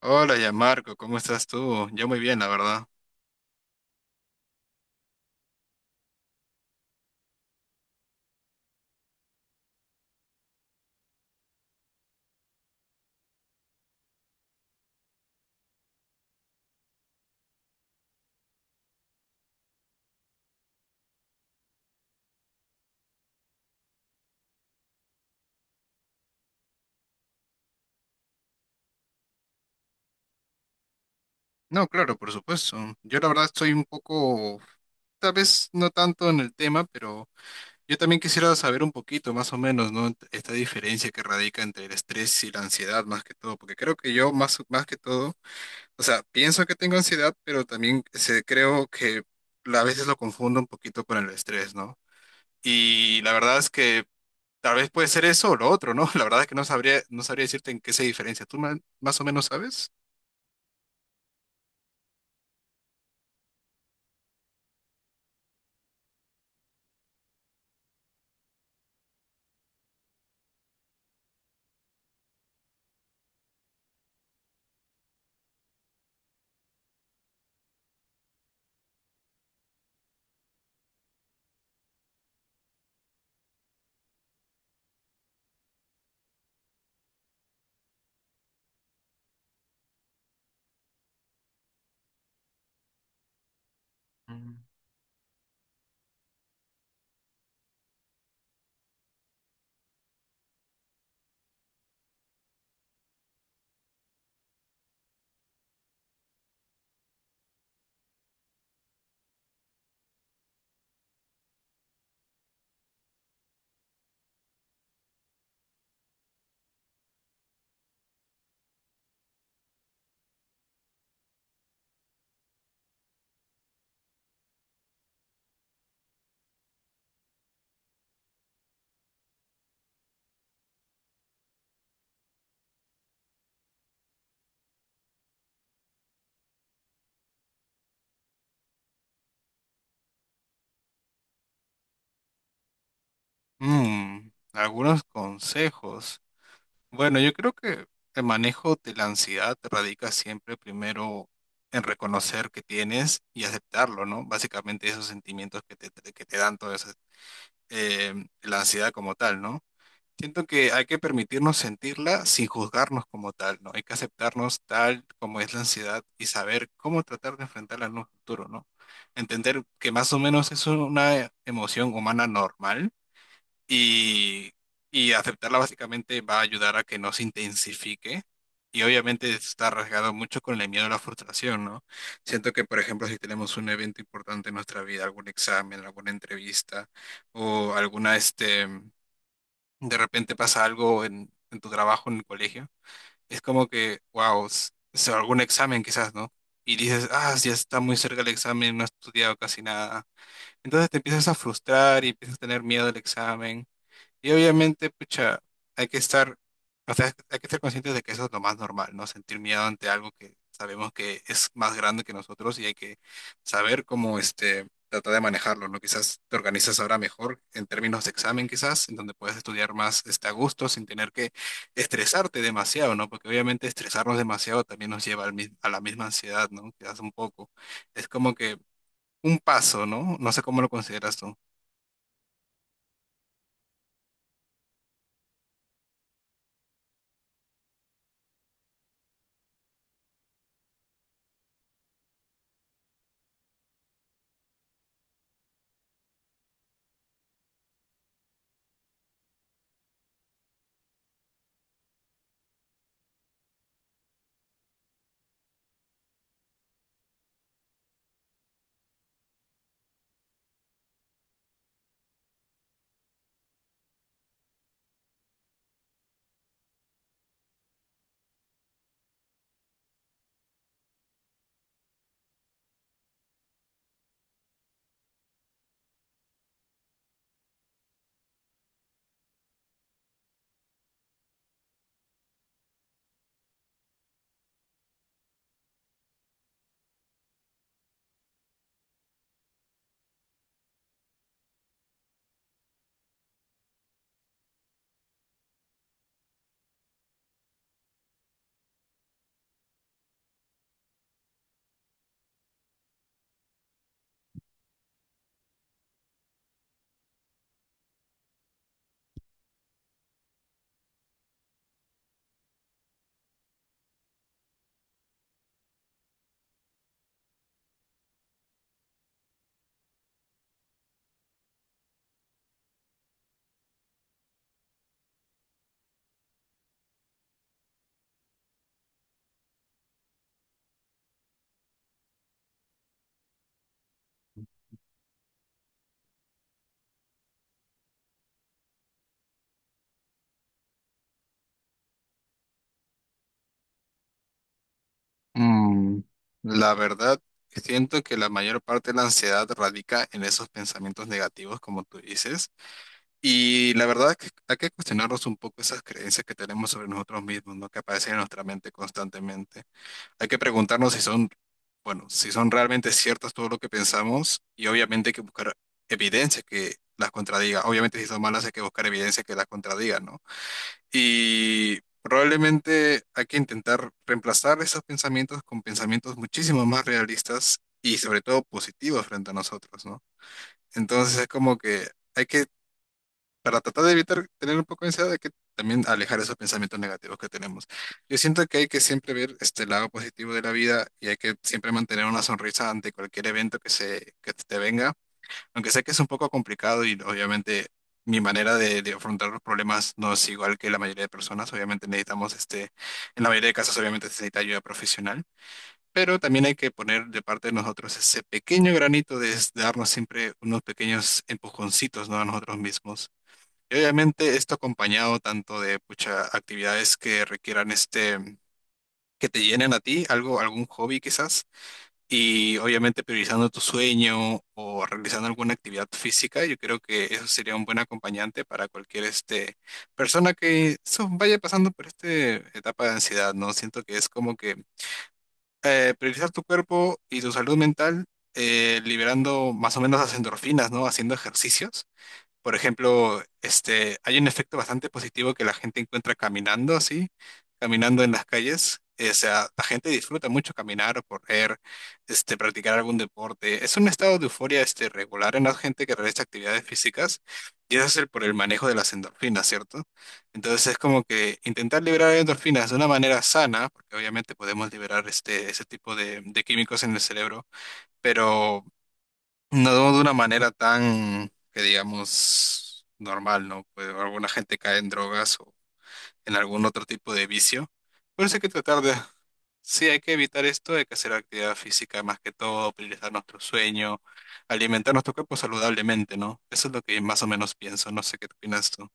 Hola, ya Marco, ¿cómo estás tú? Yo muy bien, la verdad. No, claro, por supuesto. Yo la verdad estoy un poco, tal vez no tanto en el tema, pero yo también quisiera saber un poquito más o menos, ¿no? Esta diferencia que radica entre el estrés y la ansiedad más que todo, porque creo que yo más que todo, o sea, pienso que tengo ansiedad, pero también se, creo que a veces lo confundo un poquito con el estrés, ¿no? Y la verdad es que tal vez puede ser eso o lo otro, ¿no? La verdad es que no sabría decirte en qué se diferencia. ¿Tú más o menos sabes? Mm, algunos consejos. Bueno, yo creo que el manejo de la ansiedad radica siempre primero en reconocer que tienes y aceptarlo, ¿no? Básicamente esos sentimientos que te dan toda esa, eh, la ansiedad como tal, ¿no? Siento que hay que permitirnos sentirla sin juzgarnos como tal, ¿no? Hay que aceptarnos tal como es la ansiedad y saber cómo tratar de enfrentarla en un futuro, ¿no? Entender que más o menos es una emoción humana normal y, y aceptarla básicamente va a ayudar a que no se intensifique. Y obviamente está rasgado mucho con el miedo a la frustración, ¿no? Siento que, por ejemplo, si tenemos un evento importante en nuestra vida, algún examen, alguna entrevista o alguna, este, de repente pasa algo en tu trabajo, en el colegio, es como que, wow, algún examen quizás, ¿no? Y dices, ah, ya está muy cerca el examen, no he estudiado casi nada. Entonces te empiezas a frustrar y empiezas a tener miedo al examen y obviamente, pucha, hay que estar, o sea, hay que estar conscientes de que eso es lo más normal, ¿no? Sentir miedo ante algo que sabemos que es más grande que nosotros y hay que saber cómo, este, tratar de manejarlo, ¿no? Quizás te organizas ahora mejor en términos de examen, quizás, en donde puedes estudiar más, este, a gusto sin tener que estresarte demasiado, ¿no? Porque obviamente estresarnos demasiado también nos lleva al a la misma ansiedad, ¿no? Quizás un poco. Es como que un paso, ¿no? No sé cómo lo consideras tú. Mm, la verdad, siento que la mayor parte de la ansiedad radica en esos pensamientos negativos, como tú dices. Y la verdad es que hay que cuestionarnos un poco esas creencias que tenemos sobre nosotros mismos, ¿no? Que aparecen en nuestra mente constantemente. Hay que preguntarnos si son, bueno, si son realmente ciertas todo lo que pensamos y obviamente hay que buscar evidencia que las contradiga. Obviamente si son malas hay que buscar evidencia que las contradiga, ¿no? Y probablemente hay que intentar reemplazar esos pensamientos con pensamientos muchísimo más realistas y sobre todo positivos frente a nosotros, ¿no? Entonces es como que hay que, para tratar de evitar tener un poco de ansiedad, hay que también alejar esos pensamientos negativos que tenemos. Yo siento que hay que siempre ver este lado positivo de la vida y hay que siempre mantener una sonrisa ante cualquier evento que te venga aunque sé que es un poco complicado y obviamente mi manera de afrontar los problemas no es igual que la mayoría de personas. Obviamente necesitamos, este, en la mayoría de casos obviamente se necesita ayuda profesional, pero también hay que poner de parte de nosotros ese pequeño granito de darnos siempre unos pequeños empujoncitos, ¿no? A nosotros mismos. Y obviamente esto acompañado tanto de muchas actividades que requieran este, que te llenen a ti, algo, algún hobby quizás y obviamente priorizando tu sueño o realizando alguna actividad física, yo creo que eso sería un buen acompañante para cualquier este, persona que so, vaya pasando por esta etapa de ansiedad, ¿no? Siento que es como que priorizar tu cuerpo y tu salud mental, liberando más o menos las endorfinas, ¿no? Haciendo ejercicios. Por ejemplo, este, hay un efecto bastante positivo que la gente encuentra caminando así, caminando en las calles. O sea, la gente disfruta mucho caminar o correr, este, practicar algún deporte. Es un estado de euforia, este, regular en la gente que realiza actividades físicas y eso es por el manejo de las endorfinas, ¿cierto? Entonces es como que intentar liberar endorfinas de una manera sana, porque obviamente podemos liberar este, ese tipo de químicos en el cerebro pero no de una manera tan, que digamos, normal, ¿no? Pues alguna gente cae en drogas o en algún otro tipo de vicio. Por eso hay que tratar de... Sí, hay que evitar esto, hay que hacer actividad física más que todo, priorizar nuestro sueño, alimentar nuestro cuerpo saludablemente, ¿no? Eso es lo que más o menos pienso, no sé qué opinas tú.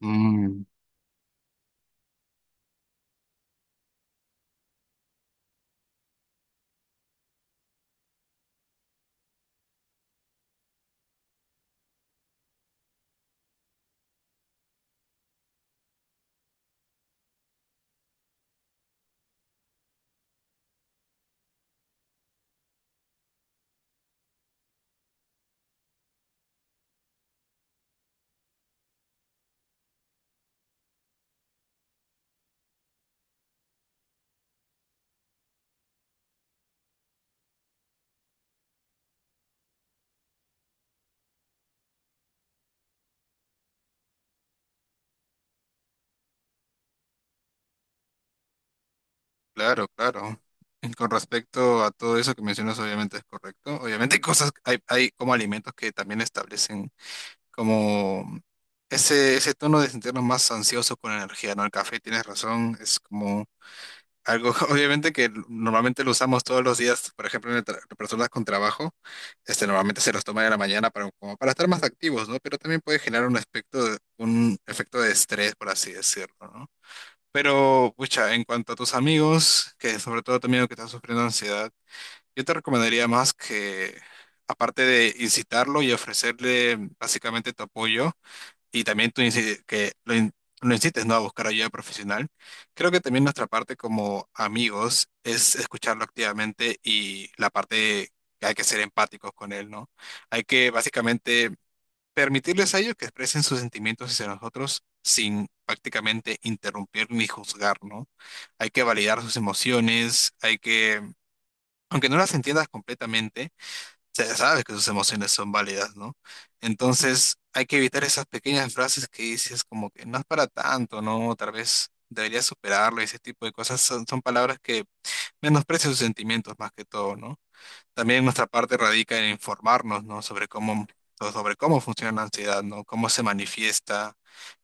Mm, claro, claro. Y con respecto a todo eso que mencionas, obviamente es correcto. Obviamente hay como alimentos que también establecen como ese tono de sentirnos más ansiosos con energía, ¿no? El café, tienes razón, es como algo, obviamente que normalmente lo usamos todos los días, por ejemplo, en el personas con trabajo, este, normalmente se los toman en la mañana para, como para estar más activos, ¿no? Pero también puede generar un aspecto, un efecto de estrés, por así decirlo, ¿no? Pero, pucha, en cuanto a tus amigos, que sobre todo tu amigo que está sufriendo ansiedad, yo te recomendaría más que, aparte de incitarlo y ofrecerle básicamente tu apoyo, y también tú que lo, lo insistes, ¿no? A buscar ayuda profesional. Creo que también nuestra parte como amigos es escucharlo activamente y la parte que hay que ser empáticos con él, ¿no? Hay que básicamente permitirles a ellos que expresen sus sentimientos hacia nosotros sin prácticamente interrumpir ni juzgar, ¿no? Hay que validar sus emociones, hay que, aunque no las entiendas completamente, se sabe que sus emociones son válidas, ¿no? Entonces hay que evitar esas pequeñas frases que dices como que no es para tanto, ¿no? Tal vez deberías superarlo, y ese tipo de cosas son, son palabras que menosprecian sus sentimientos más que todo, ¿no? También nuestra parte radica en informarnos, ¿no? Sobre cómo, sobre cómo funciona la ansiedad, ¿no? Cómo se manifiesta,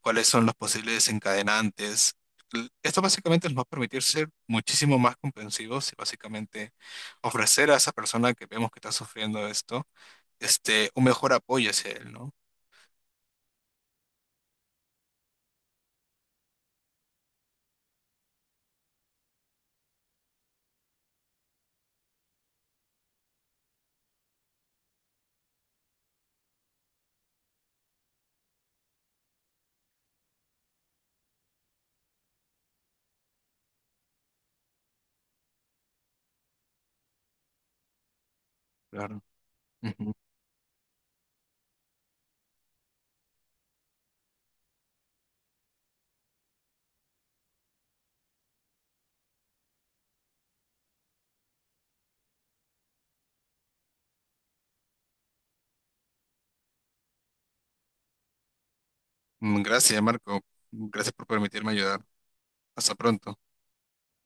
cuáles son los posibles desencadenantes. Esto básicamente nos va a permitir ser muchísimo más comprensivos y básicamente ofrecer a esa persona que vemos que está sufriendo esto este, un mejor apoyo hacia él, ¿no? Claro. Ujú. Mm, gracias, Marco. Gracias por permitirme ayudar. Hasta pronto.